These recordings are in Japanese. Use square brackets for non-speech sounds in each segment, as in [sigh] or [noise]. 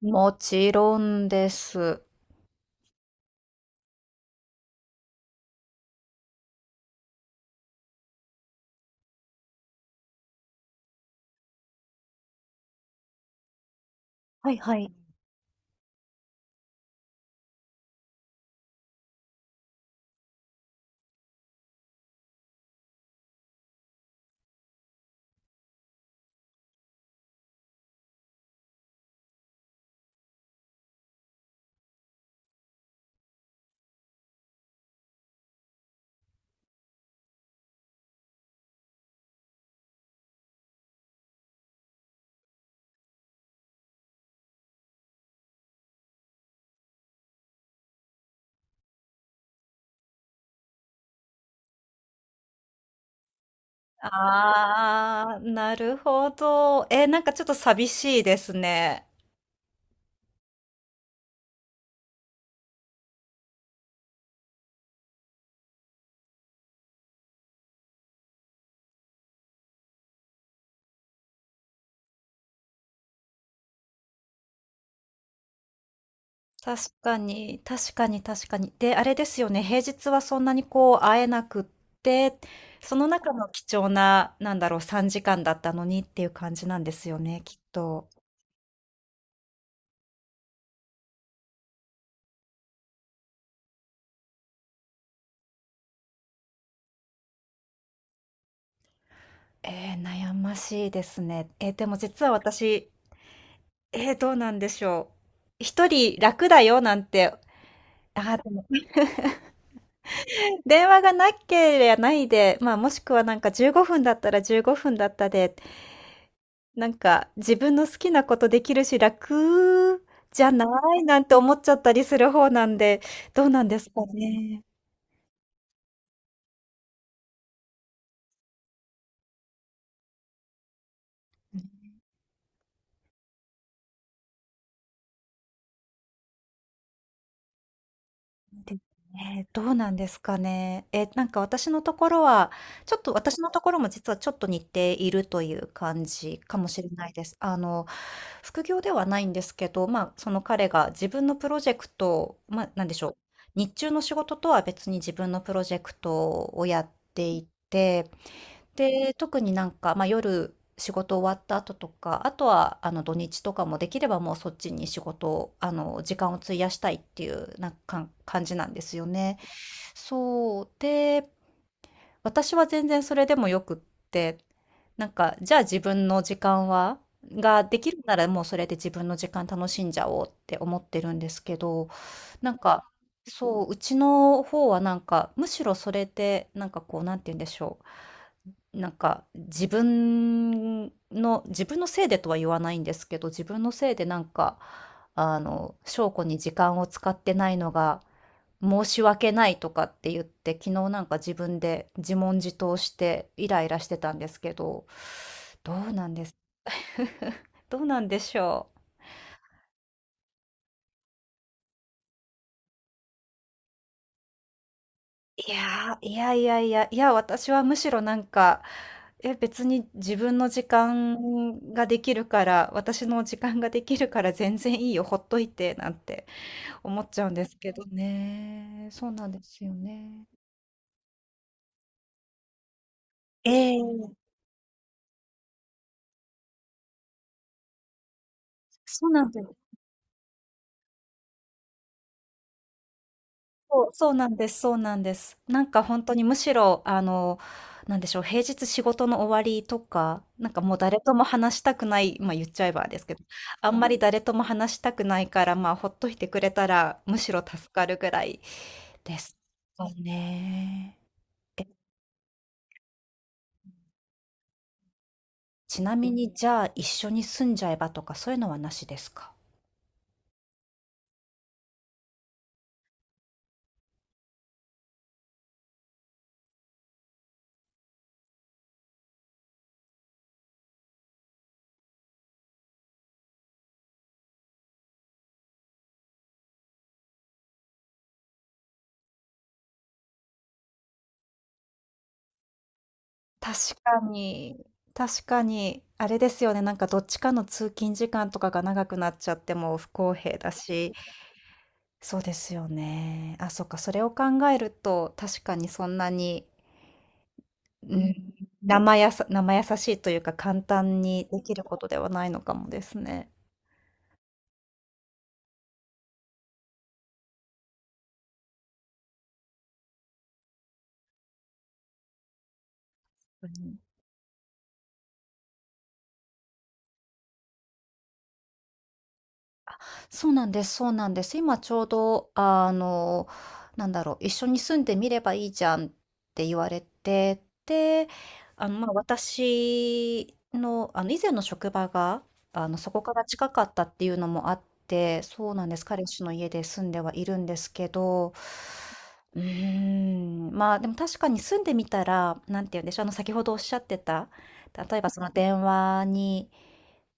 もちろんです。はいはい。ああ、なるほど。え、なんかちょっと寂しいですね。確かに、確かに、確かに。で、あれですよね。平日はそんなにこう会えなくって、その中の貴重な、なんだろう、3時間だったのにっていう感じなんですよね、きっと。悩ましいですね。でも実は私、どうなんでしょう。一人楽だよなんて、でも電話がなければないで、まあ、もしくはなんか15分だったら15分だったで、なんか自分の好きなことできるし、楽じゃないなんて思っちゃったりする方なんで、どうなんですかね。で、ね、どうなんですかね。え、なんか私のところも実はちょっと似ているという感じかもしれないです。副業ではないんですけど、まあ、その彼が自分のプロジェクトを、まあ、なんでしょう。日中の仕事とは別に自分のプロジェクトをやっていて、で、特になんか、まあ、夜仕事終わった後とか、あとは土日とかもできればもうそっちに仕事を、あの時間を費やしたいっていうなんか感じなんですよね。そう。で、私は全然それでもよくって、なんか、じゃあ自分の時間は、ができるならもうそれで自分の時間楽しんじゃおうって思ってるんですけど、なんか、そう、うちの方はなんか、むしろそれで、なんかこう、なんて言うんでしょう。なんか自分のせいでとは言わないんですけど、自分のせいでなんか、翔子に時間を使ってないのが申し訳ないとかって言って、昨日なんか自分で自問自答してイライラしてたんですけど、どうなんです [laughs] どうなんでしょう。いやー、いやいやいや、いや、私はむしろなんか、え、別に自分の時間ができるから、私の時間ができるから全然いいよ、ほっといて、なんて思っちゃうんですけどね。そうなんですよね。ええ、そうなんですよ、そう、そうなんです、そうなんです。なんか本当にむしろ、なんでしょう、平日仕事の終わりとか、なんかもう誰とも話したくない、まあ言っちゃえばですけど、あんまり誰とも話したくないから、まあほっといてくれたらむしろ助かるぐらいですかね。ちなみに、じゃあ一緒に住んじゃえばとかそういうのはなしですか？確かに、確かに、あれですよね、なんかどっちかの通勤時間とかが長くなっちゃっても不公平だし、そうですよね。あ、そっか、それを考えると、確かにそんなに、うん、生やさ生易しいというか、簡単にできることではないのかもですね。うん。そうなんですそうなんです。今ちょうど、なんだろう、一緒に住んでみればいいじゃんって言われて、で、まあ、私の、以前の職場が、そこから近かったっていうのもあって、そうなんです。彼氏の家で住んではいるんですけど、うーん、まあ、でも確かに住んでみたら、なんて言うんでしょう、先ほどおっしゃってた、例えばその電話に、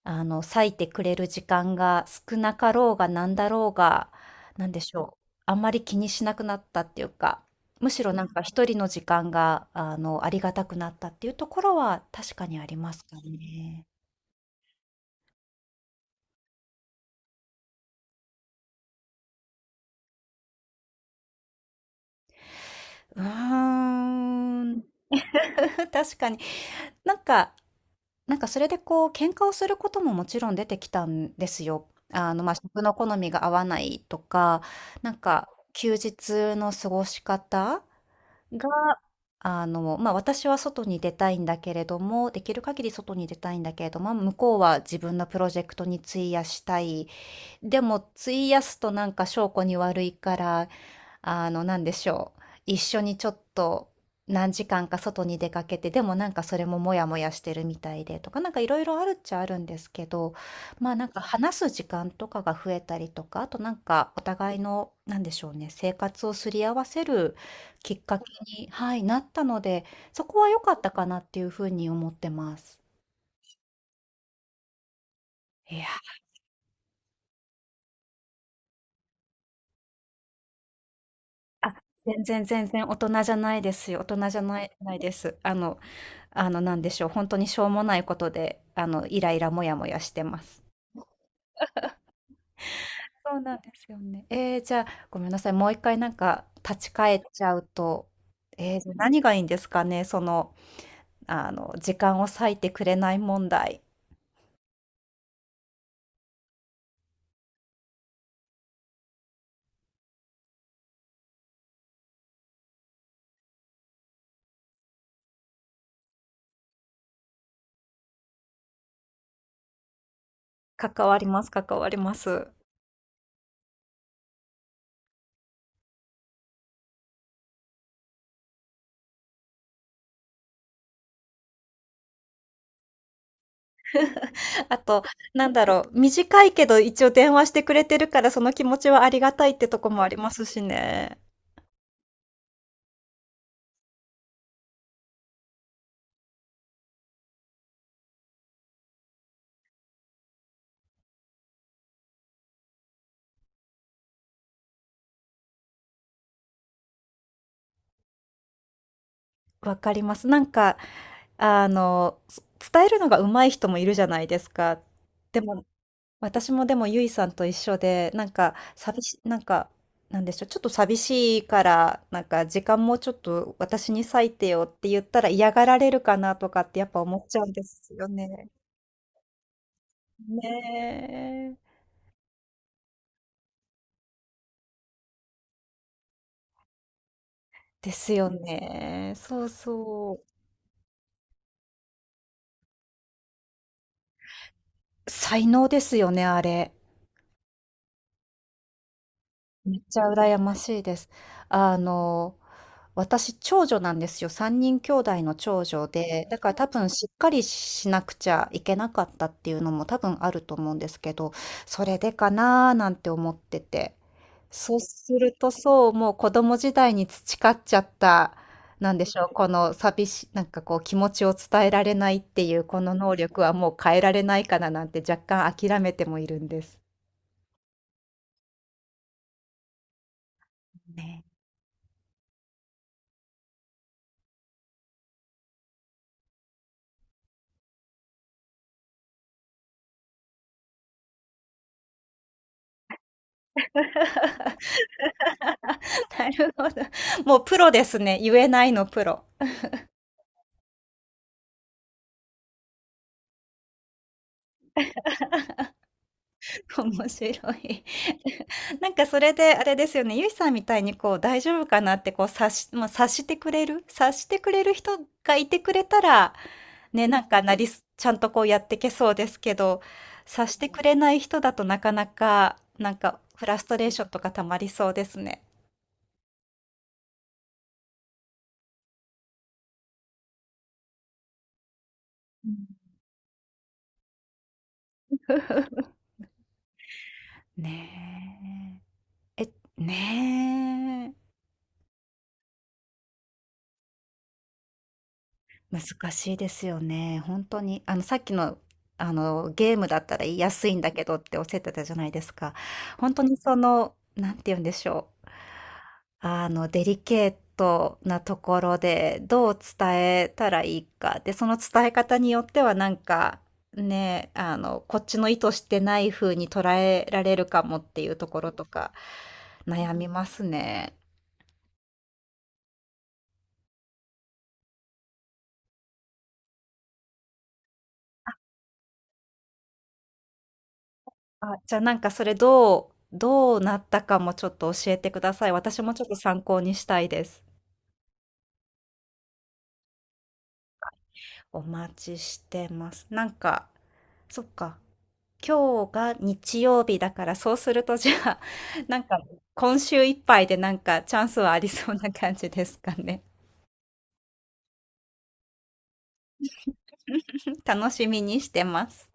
割いてくれる時間が少なかろうがなんだろうが、なんでしょう、あんまり気にしなくなったっていうか、むしろなんか一人の時間が、ありがたくなったっていうところは確かにありますかね。うーん、[laughs] 確かに。なんか、それでこう、喧嘩をすることももちろん出てきたんですよ。ま、食の好みが合わないとか、なんか休日の過ごし方が、ま、私は外に出たいんだけれども、できる限り外に出たいんだけれども、向こうは自分のプロジェクトに費やしたい。でも費やすとなんか証拠に悪いからなんでしょう。一緒にちょっと何時間か外に出かけて、でもなんかそれもモヤモヤしてるみたいでとか、なんかいろいろあるっちゃあるんですけど、まあなんか話す時間とかが増えたりとか、あとなんかお互いの、なんでしょうね、生活をすり合わせるきっかけに、はい、なったので、そこは良かったかなっていうふうに思ってます。いや、あ、全然大人じゃないですよ。大人じゃないです。なんでしょう、本当にしょうもないことで、イライラモヤモヤしてます。そうなんですよね。ええ、じゃあ、ごめんなさい、もう1回なんか立ち返っちゃうと、ええ、じゃ、何がいいんですかね、その、時間を割いてくれない問題。関わります関わります。[laughs] あと、なんだろう、短いけど一応電話してくれてるから、その気持ちはありがたいってとこもありますしね。わかります。なんか、あの、つ伝えるのが上手い人もいるじゃないですか。でも私もでもゆいさんと一緒で、なんか、なんか、なんでしょう、ちょっと寂しいから、なんか、時間もちょっと私に割いてよって言ったら嫌がられるかなとかってやっぱ思っちゃうんですよね。ねえ。ですよね。そうそう。才能ですよね、あれ。めっちゃ羨ましいです。あの、私、長女なんですよ。3人兄弟の長女で、だから多分しっかりしなくちゃいけなかったっていうのも多分あると思うんですけど、それでかなーなんて思ってて。そうするとそう、もう子供時代に培っちゃった、なんでしょう、この寂し、なんかこう気持ちを伝えられないっていうこの能力はもう変えられないかななんて若干諦めてもいるんです。ね。[laughs] なるほど。もうプロですね。言えないのプロ。面白い。[laughs] なんかそれであれですよね、ゆいさんみたいにこう大丈夫かなってこうまあ、察してくれる、察してくれる人がいてくれたら、ね、なんかなりす、ちゃんとこうやってけそうですけど、察してくれない人だとなかなか、なんかフラストレーションとか溜まりそうですね。[laughs] ねえ。え、ねえ。難しいですよね。本当に、さっきの、ゲームだったら言いやすいんだけどっておっしゃってたじゃないですか。本当にその、なんて言うんでしょう、デリケートなところで、どう伝えたらいいか、で、その伝え方によってはなんか、ね、こっちの意図してない風に捉えられるかもっていうところとか、悩みますね。じゃあなんかそれどうなったかもちょっと教えてください。私もちょっと参考にしたいです。お待ちしてます。なんか、そっか。今日が日曜日だから、そうするとじゃあ、[laughs] なんか今週いっぱいでなんかチャンスはありそうな感じですかね。楽しみにしてます。